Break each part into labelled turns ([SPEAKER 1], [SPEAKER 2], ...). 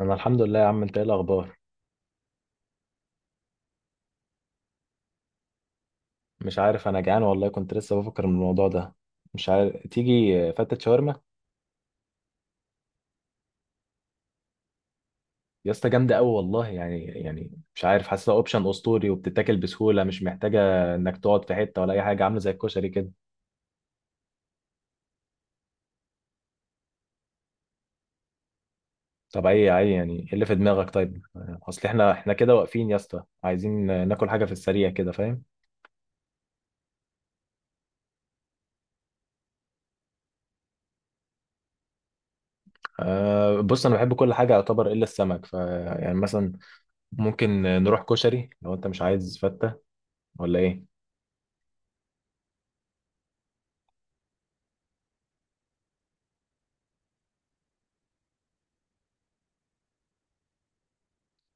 [SPEAKER 1] انا الحمد لله يا عم. انت ايه الاخبار؟ مش عارف، انا جعان والله، كنت لسه بفكر من الموضوع ده. مش عارف تيجي فتة شاورما. يا اسطى جامده قوي والله، يعني مش عارف، حاسسها اوبشن اسطوري وبتتاكل بسهوله، مش محتاجه انك تقعد في حته ولا اي حاجه، عامله زي الكشري كده. طب اي يعني ايه اللي في دماغك؟ طيب اصل احنا كده واقفين يا اسطى، عايزين ناكل حاجه في السريع كده، فاهم؟ أه بص، انا بحب كل حاجه يعتبر الا السمك. يعني مثلا ممكن نروح كشري لو انت مش عايز فته، ولا ايه؟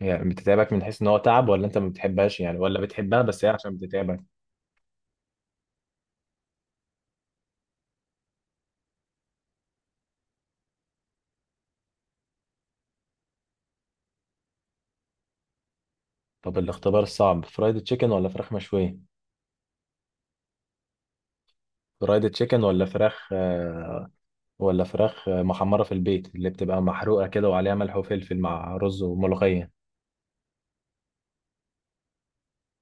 [SPEAKER 1] يعني بتتعبك من حيث ان هو تعب، ولا انت ما بتحبهاش يعني، ولا بتحبها بس هي عشان بتتعبك؟ طب الاختبار الصعب فرايد تشيكن ولا فراخ مشوية؟ فرايد تشيكن ولا فراخ. ولا فراخ محمرة في البيت اللي بتبقى محروقة كده وعليها ملح وفلفل مع رز وملوخية.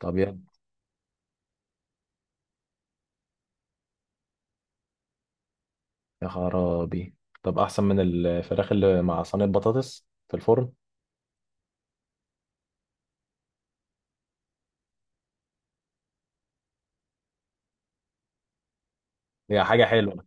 [SPEAKER 1] طب يا خرابي. طب احسن من الفراخ اللي مع صينية بطاطس في الفرن. هي حاجة حلوة.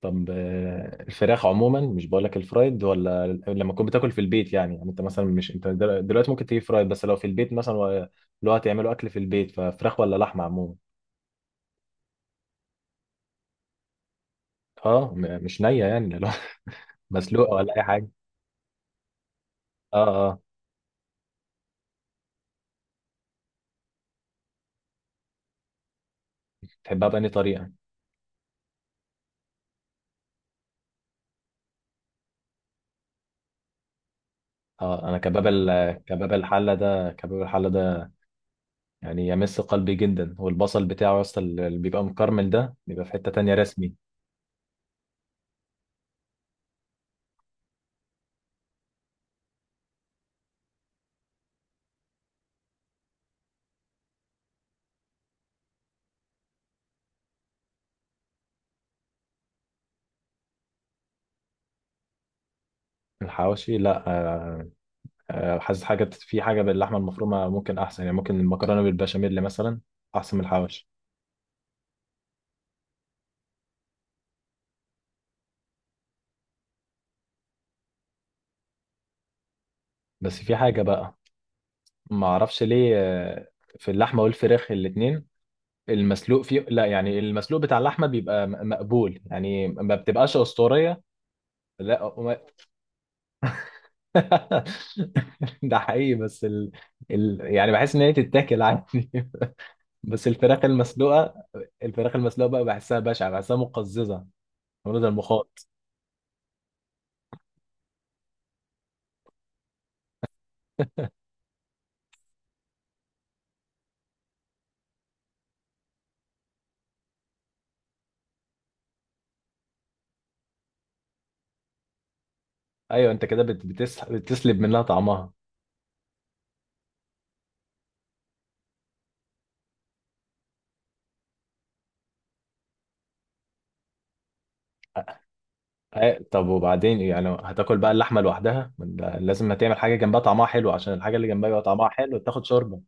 [SPEAKER 1] طب الفراخ عموما، مش بقول لك الفرايد ولا لما تكون بتاكل في البيت، يعني انت مثلا، مش انت دلوقتي ممكن تجيب فرايد، بس لو في البيت مثلا لو هتعملوا اكل في البيت ففراخ ولا لحمه عموما؟ اه، مش نيه يعني لو مسلوقه ولا اي حاجه. اه اه. تحبها بأي طريقه؟ اه، انا كباب كباب الحله ده يعني يمس قلبي جدا، والبصل بتاعه يا اسطى اللي بيبقى مكرمل ده، بيبقى في حته تانية رسمي. الحواوشي، لا آه. حاسس حاجة، في حاجة باللحمة المفرومة ممكن أحسن، يعني ممكن المكرونة بالبشاميل مثلا. أحسن من الحواوشي. بس في حاجة بقى، ما أعرفش ليه، في اللحمة والفراخ الاتنين، المسلوق فيه لا. يعني المسلوق بتاع اللحمة بيبقى مقبول، يعني ما بتبقاش أسطورية. لا ده حقيقي، بس يعني بحس إن هي تتاكل عادي بس الفراخ المسلوقة بقى بحسها بشعة، بحسها مقززة. ده المخاط. أيوه، أنت كده بتسلب منها طعمها. طب وبعدين إيه؟ يعني هتاكل بقى اللحمه لوحدها؟ ما أنت لازم هتعمل حاجه جنبها طعمها حلو، عشان الحاجه اللي جنبها يبقى طعمها حلو تاخد شوربه.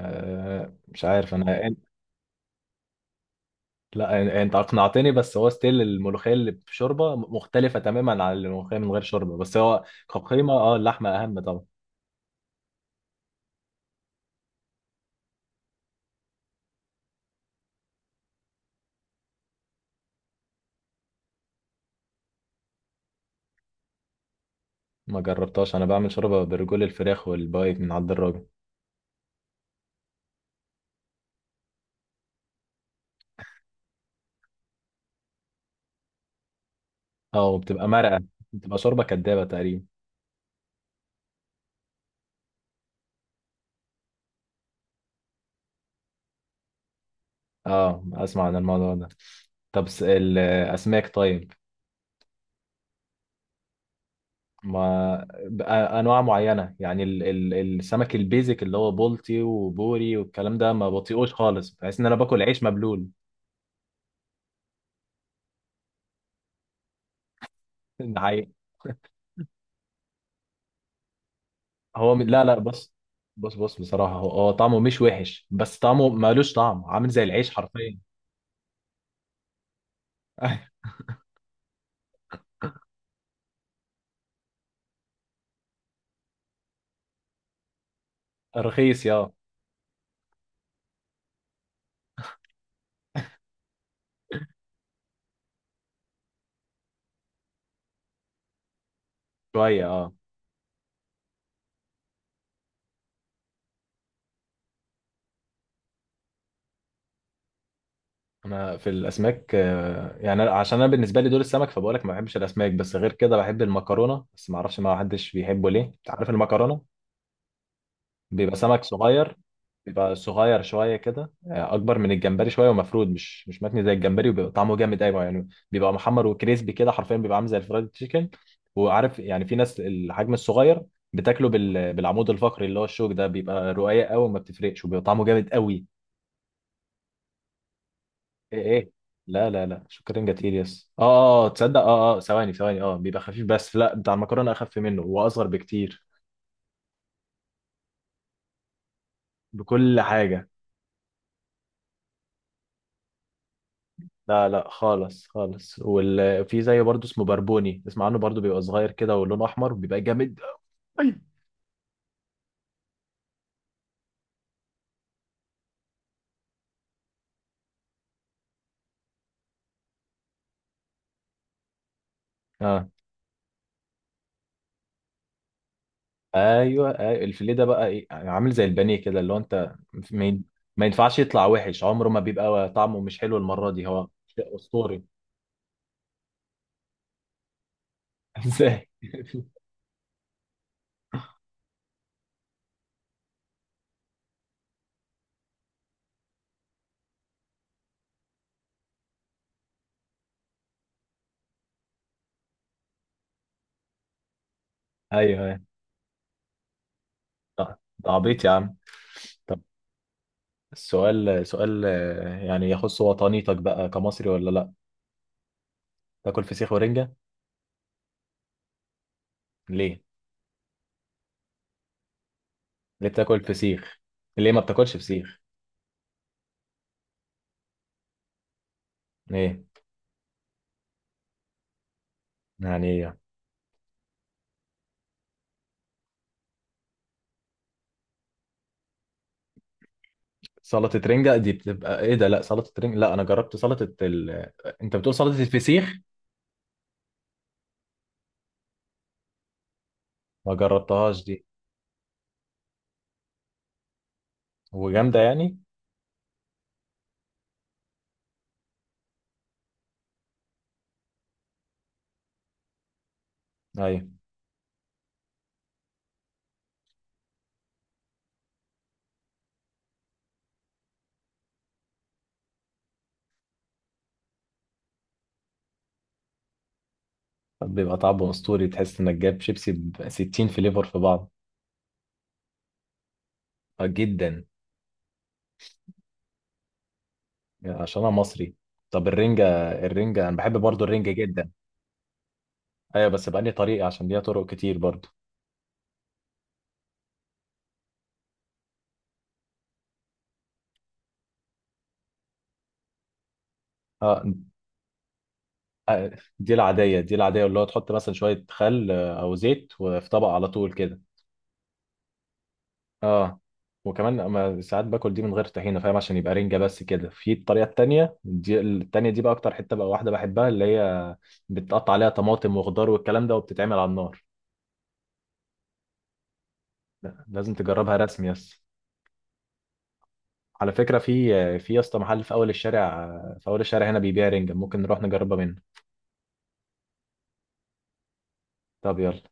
[SPEAKER 1] أه مش عارف، انا. لا، انت اقنعتني، بس هو ستيل الملوخيه اللي بشوربه مختلفه تماما عن الملوخيه من غير شوربه، بس هو كقيمه اللحمه اهم طبعا. ما جربتهاش، انا بعمل شوربه برجول الفراخ والبايت من عند الراجل. اه وبتبقى مرقه، بتبقى شوربه كدابه تقريبا. اه، اسمع عن الموضوع ده. طب الاسماك طيب؟ ما بقى انواع معينه، يعني ال السمك البيزك اللي هو بولتي وبوري والكلام ده ما بطيقوش خالص، بحس ان انا باكل عيش مبلول. ده حقيقي. هو لا لا، بص بص بص بصراحه، هو هو طعمه مش وحش بس طعمه مالوش طعم، عامل زي العيش حرفيا. رخيص شويه انا في الاسماك يعني عشان انا بالنسبه لي دول السمك، فبقول لك ما بحبش الاسماك، بس غير كده بحب المكرونه، بس ما اعرفش ما حدش بيحبه ليه. انت عارف المكرونه، بيبقى سمك صغير، بيبقى صغير شويه كده، اكبر من الجمبري شويه ومفرود، مش متني زي الجمبري، وبيبقى طعمه جامد قوي، يعني بيبقى محمر وكريسبي كده حرفيا، بيبقى عامل زي الفرايد تشيكن. وعارف، يعني في ناس الحجم الصغير بتاكله بالعمود الفقري اللي هو الشوك ده، بيبقى رقيق قوي وما بتفرقش، وبيبقى طعمه جامد قوي. ايه ايه. لا لا لا، شكرا كتير يس. اه، اه تصدق؟ اه اه. ثواني ثواني. اه بيبقى خفيف، بس لا، بتاع المكرونه اخف منه واصغر بكتير. بكل حاجه. لا لا خالص خالص. وفي زي برضه اسمه بربوني، اسمع عنه برضه، بيبقى صغير كده ولونه احمر، بيبقى جامد أوي. اه ايوه ايوه، الفيليه ده بقى ايه؟ يعني عامل زي البانيه كده، اللي هو انت ما ين- ما ينفعش يطلع وحش، عمره ما بيبقى طعمه مش حلو، المره دي هو شيء اسطوري. ازاي؟ ايوه أيوة. ده عبيط يا عم. طب السؤال، سؤال يعني يخص وطنيتك بقى كمصري، ولا لا؟ تاكل فسيخ ورنجة؟ ليه؟ ليه بتاكل فسيخ؟ ليه ما بتاكلش فسيخ؟ ليه؟ يعني. سلطة رنجة دي بتبقى ايه ده؟ لا سلطة رنجة، لا انا جربت سلطة انت بتقول سلطة الفسيخ. ما جربتهاش دي. وجامدة يعني؟ ايوه، بيبقى طعمه اسطوري، تحس انك جايب شيبسي ب 60 فليفر في بعض. جدا. عشان انا مصري. طب الرنجة، انا بحب برضو الرنجة جدا. ايوه بس بأني طريقة؟ عشان ليها طرق كتير برضو. اه آه، دي العادية، اللي هو تحط مثلا شوية خل او زيت، وفي طبق على طول كده. اه، وكمان اما ساعات باكل دي من غير طحينه، فاهم؟ عشان يبقى رنجه بس كده. في الطريقه التانيه، دي بقى اكتر حته بقى واحده بحبها، اللي هي بتقطع عليها طماطم وخضار والكلام ده، وبتتعمل على النار. لا، لازم تجربها رسمي يس. على فكره، في يا اسطى محل في اول الشارع، في اول الشارع هنا، بيبيع رنجه، ممكن نروح نجربها منه. طب يلا.